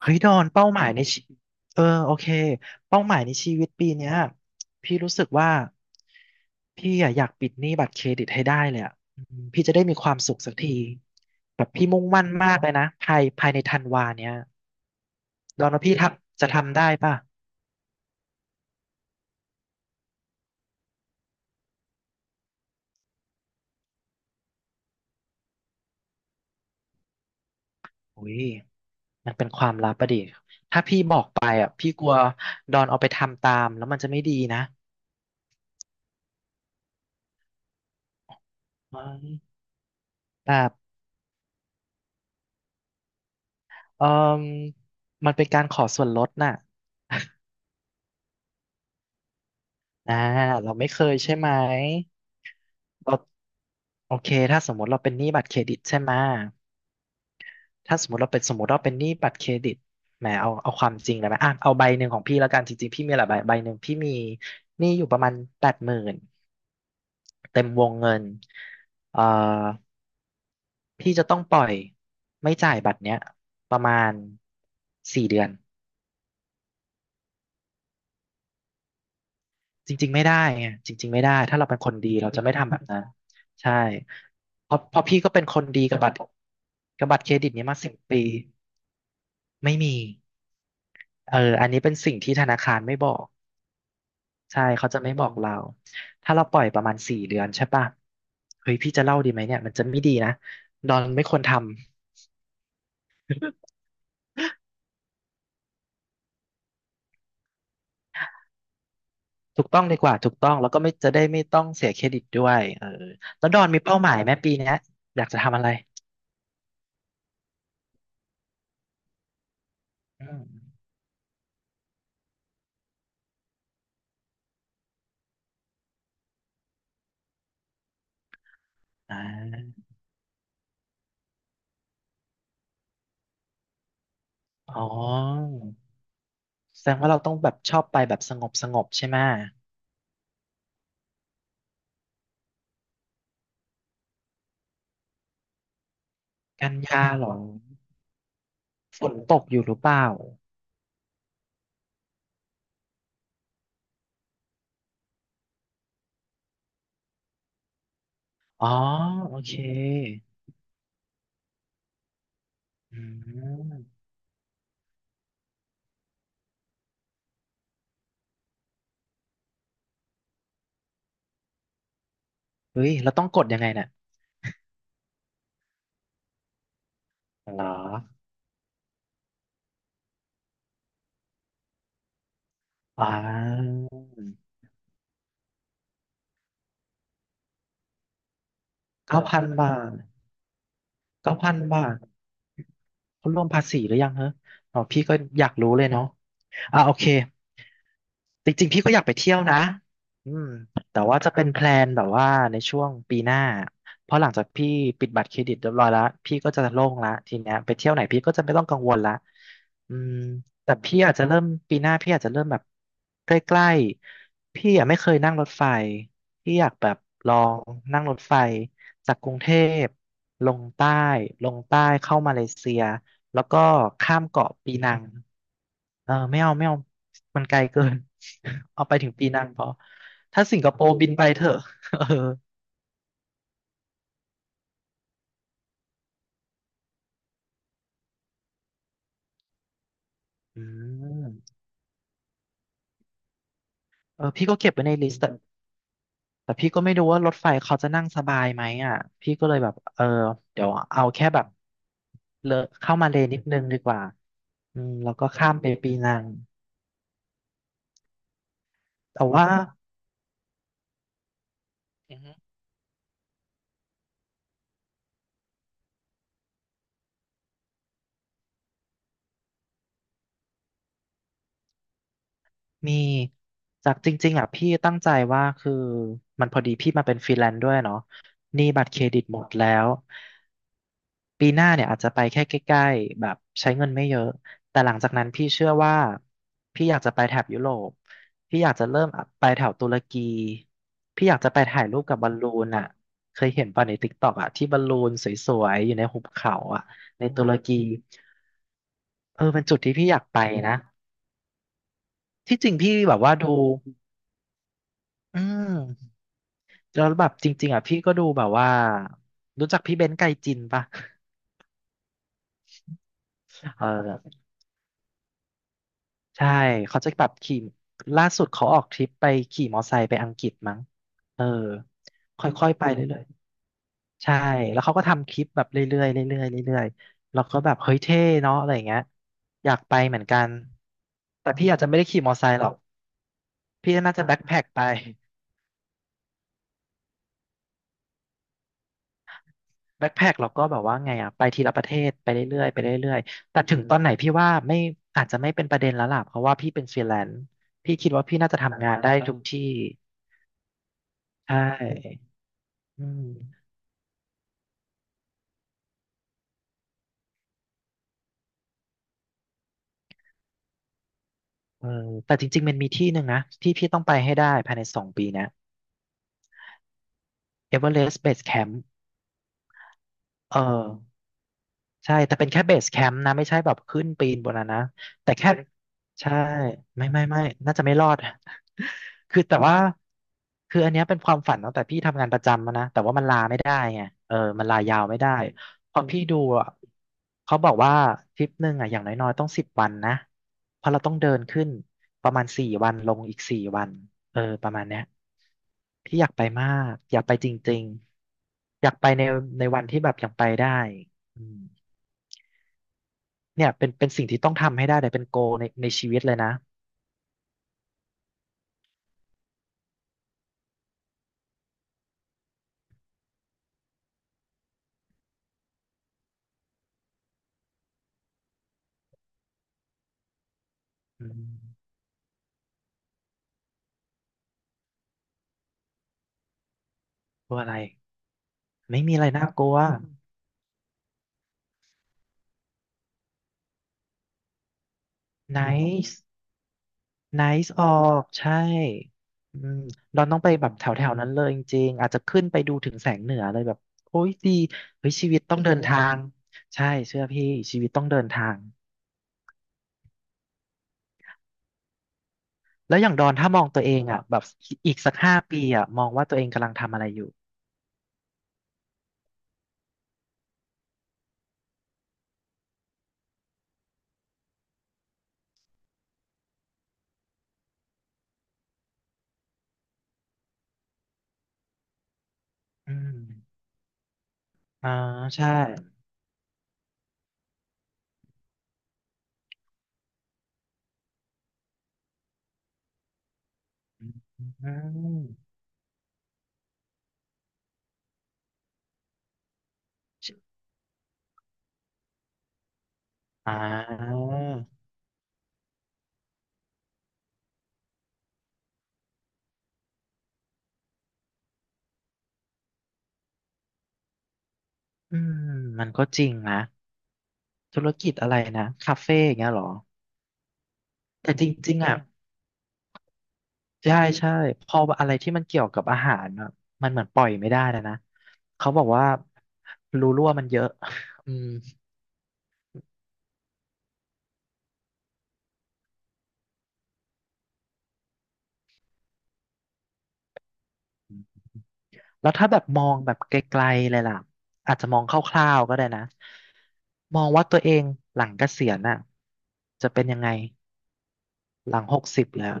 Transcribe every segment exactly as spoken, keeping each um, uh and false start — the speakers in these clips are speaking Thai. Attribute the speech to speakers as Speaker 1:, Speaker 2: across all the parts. Speaker 1: เฮ้ยดอนเป้าหมายในชีเออโอเคเป้าหมายในชีวิตปีเนี้ยพี่รู้สึกว่าพี่อะอยากปิดหนี้บัตรเครดิตให้ได้เลยอ่ะอืมพี่จะได้มีความสุขสักทีแบบพี่มุ่งมั่นมากเลยนะภายภายในธันวาเนี้ยดอนว่าพี่ทับจะทำได้ป่ะอุ้ยมันเป็นความลับอะดิถ้าพี่บอกไปอ่ะพี่กลัวดอนเอาไปทำตามแล้วมันจะไม่ดีนะแบบเออมมันเป็นการขอส่วนลดน่ะ อ่าเราไม่เคยใช่ไหมเราโอเคถ้าสมมติเราเป็นหนี้บัตรเครดิตใช่ไหม ถ้าสมมติเราเป็นสมมติเราเป็นหนี้บัตรเครดิตแหมเอาเอาความจริงเลยไหมอ่ะเอาใบหนึ่งของพี่แล้วกันจริงๆพี่มีหลายใบใบหนึ่งพี่มีหนี้อยู่ประมาณแปดหมื่นเต็มวงเงินเอ่อพี่จะต้องปล่อยไม่จ่ายบัตรเนี้ยประมาณสี่เดือน จริงๆไม่ได้ไงจริงๆไม่ได้ถ้าเราเป็นคนดีเราจะไม่ทำแบบนั้นใช่เพราะเพราะพี่ก็เป็นคนดีกับบัตรกับบัตรเครดิตนี้มาสิบปีไม่มีเอออันนี้เป็นสิ่งที่ธนาคารไม่บอกใช่เขาจะไม่บอกเราถ้าเราปล่อยประมาณสี่เดือนใช่ป่ะเฮ้ยพี่จะเล่าดีไหมเนี่ยมันจะไม่ดีนะดอนไม่ควรทำถูกต้องดีกว่าถูกต้องแล้วก็ไม่จะได้ไม่ต้องเสียเครดิตด้วยเออแล้วดอนมีเป้าหมายไหมปีเนี้ยอยากจะทำอะไรอืมอ่าอ๋อ แสดงว่าเราต้องแบบชอบไปแบบสงบสงบใช่ไหมกันยาเหรอฝนตกอยู่หรือเปล่าอ๋อโอเคอืมเฮ้ยเราต้องกดยังไงเนี่ยเหรออ่าเก้าพันบาทเก้าพันบาท เขารวมภาษีหรือยังฮะอ๋อพี่ก็อยากรู้เลยเนาะอ่าโอเคจริงๆพี่ก็อยากไปเที่ยวนะอืมแต่ว่าจะเป็นแพลนแบบว่าในช่วงปีหน้าเพราะหลังจากพี่ปิดบัตรเครดิตเรียบร้อยแล้วพี่ก็จะโล่งละทีเนี้ยไปเที่ยวไหนพี่ก็จะไม่ต้องกังวลละอืมแต่พี่อาจจะเริ่มปีหน้าพี่อาจจะเริ่มแบบใกล้ๆพี่อ่ะไม่เคยนั่งรถไฟพี่อยากแบบลองนั่งรถไฟจากกรุงเทพลงใต้ลงใต้เข้ามาเลเซีย แล้วก็ข้ามเกาะปีนังเออไม่เอาไม่เอามันไกลเกิน เอาไปถึงปีนังพอถ้าสิงคโปร์บินไปเถอะ เอออืมเออพี่ก็เก็บไว้ในลิสต์แต่แต่พี่ก็ไม่รู้ว่ารถไฟเขาจะนั่งสบายไหมอ่ะพี่ก็เลยแบบเออเดี๋ยวเอาแค่แบบเลอะเข้ามาเลนิดนึงดีกว่าอืมแล้วก็ข้ามไปปีนังแต่ว่าอืม มีจากจริงๆอ่ะพี่ตั้งใจว่าคือมันพอดีพี่มาเป็นฟรีแลนซ์ด้วยเนาะหนี้บัตรเครดิตหมดแล้วปีหน้าเนี่ยอาจจะไปแค่ใกล้ๆแบบใช้เงินไม่เยอะแต่หลังจากนั้นพี่เชื่อว่าพี่อยากจะไปแถบยุโรปพี่อยากจะเริ่มไปแถวตุรกีพี่อยากจะไปถ่ายรูปกับบอลลูนอ่ะเคยเห็นป่ะในติ๊กต็อกอ่ะที่บอลลูนสวยๆอยู่ในหุบเขาอ่ะในตุรกีเออเป็นจุดที่พี่อยากไปนะที่จริงพี่แบบว่าดูอืม แล้วแบบจริงๆอ่ะพี่ก็ดูแบบว่ารู้จักพี่เบนซ์ไกจินปะเออใช่เขาจะแบบขี่ล่าสุดเขาออกทริปไปขี่มอไซค์ไปอังกฤษมั้งเออค่อยๆไปเรื่อยๆใช่แล้วเขาก็ทำคลิปแบบเรื่อยๆเรื่อยๆเรื่อยๆแล้วก็แบบเฮ้ยเท่เนาะอะไรอย่างเงี้ยอยากไปเหมือนกันแต่พี่อาจจะไม่ได้ขี่มอไซค์หรอกพี่น่าจะแบ็คแพ็คไป แบ็คแพ็คเราก็แบบว่าไงอ่ะไปทีละประเทศไปเรื่อยๆไปเรื่อยๆแต่ถึงตอนไหนพี่ว่าไม่อาจจะไม่เป็นประเด็นแล้วล่ะเพราะว่าพี่เป็นฟรีแลนซ์พี่คิดว่าพี่น่าจะทำงานได้ทุกที่ใช่อืมเออแต่จริงๆมันมีที่หนึ่งนะที่พี่ต้องไปให้ได้ภายในสองปีนะเอเวอเรสต์เบสแคมป์เออ ใช่ แต่เป็นแค่เบสแคมป์นะไม่ใช่แบบขึ้นปีนบนนั้นนะแต่แค่ใช่ไม่ไม่ไม่น่าจะไม่รอด คือแต่ว่าคืออันเนี้ยเป็นความฝันตั้งแต่พี่ทำงานประจำมานะแต่ว่ามันลาไม่ได้ไงเออมันลายาวไม่ได้พอพี่ดูอ่ะเขาบอกว่าทริปหนึ่งอ่ะอย่างน้อยๆต้องสิบวันนะเพราะเราต้องเดินขึ้นประมาณสี่วันลงอีกสี่วันเออประมาณเนี้ยพี่อยากไปมากอยากไปจริงๆ อยากไปในในวันที่แบบยังไปได้อืม เนี่ยเป็นเป็นสิ่งที่ต้องทำให้ได้เลยเป็นโกในในชีวิตเลยนะอืมกลัวอะไรไม่มีอะไรน่ากลัว nice nice ออกใช่อืมเราต้องไปแบบแถวแถวนั้นเลยจริงๆอาจจะขึ้นไปดูถึงแสงเหนือเลยแบบโอ้ยดีเฮ้ยชีวิตต้องเดินทางใช่เชื่อพี่ชีวิตต้องเดินทางแล้วอย่างดอนถ้ามองตัวเองอ่ะแบบอีกสักห้าปีอ่ะมองว่าตัวเองกำลังทำอะไรอยู่อืมอ่าใช่อืมอ่า อืมมันก็จริงนะธุรกิจอะไรนะคาเฟ่อย่างเงี้ยเหรอแต่จริงๆอ่ะใช่ใช่พออะไรที่มันเกี่ยวกับอาหารอ่ะมันเหมือนปล่อยไม่ได้นะนะเขาบอกว่ารูรั่วมันเยอะ อืมแล้วถ้าแบบมองแบบไกลๆเลยล่ะอาจจะมองคร่าวๆก็ได้นะมองว่าตัวเองหลังเกษียณอ่ะจะเป็นยังไงหลังหกสิบแล้ว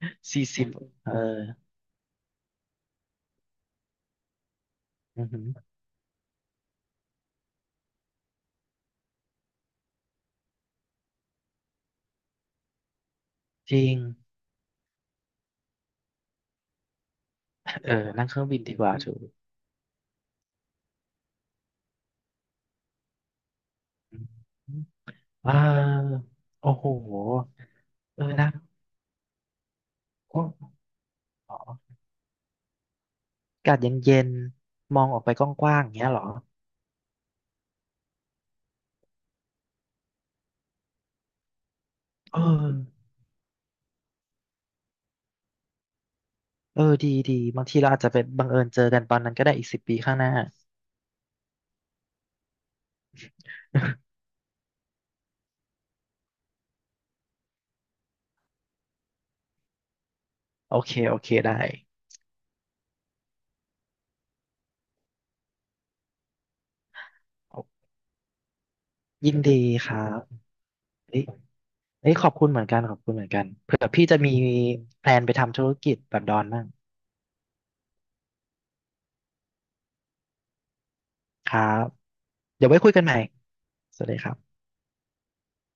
Speaker 1: สี่สิบเอออือหือจริงเออนั่งเครื่องบินดีกว่าถูก อ่าโอ้โหเออนะก็อ๋ออากาศเย็นๆมองออกไปกว้างๆอย่างเงี้ยเหรอเออเออดีดีบางทีเราอาจจะเป็นบังเอิญเจอกันตอนนั้นก็ได้อีกสิบปีข้างหน้า โอเคโอเคได้ยินดีครับเอ้ยเอ้ยขอบคุณเหมือนกันขอบคุณเหมือนกันเผื่อพี่จะมีแพลนไปทำธุรกิจแบบดอนบ้างครับเดี๋ยวไว้คุยกันใหม่สวัสดีครับ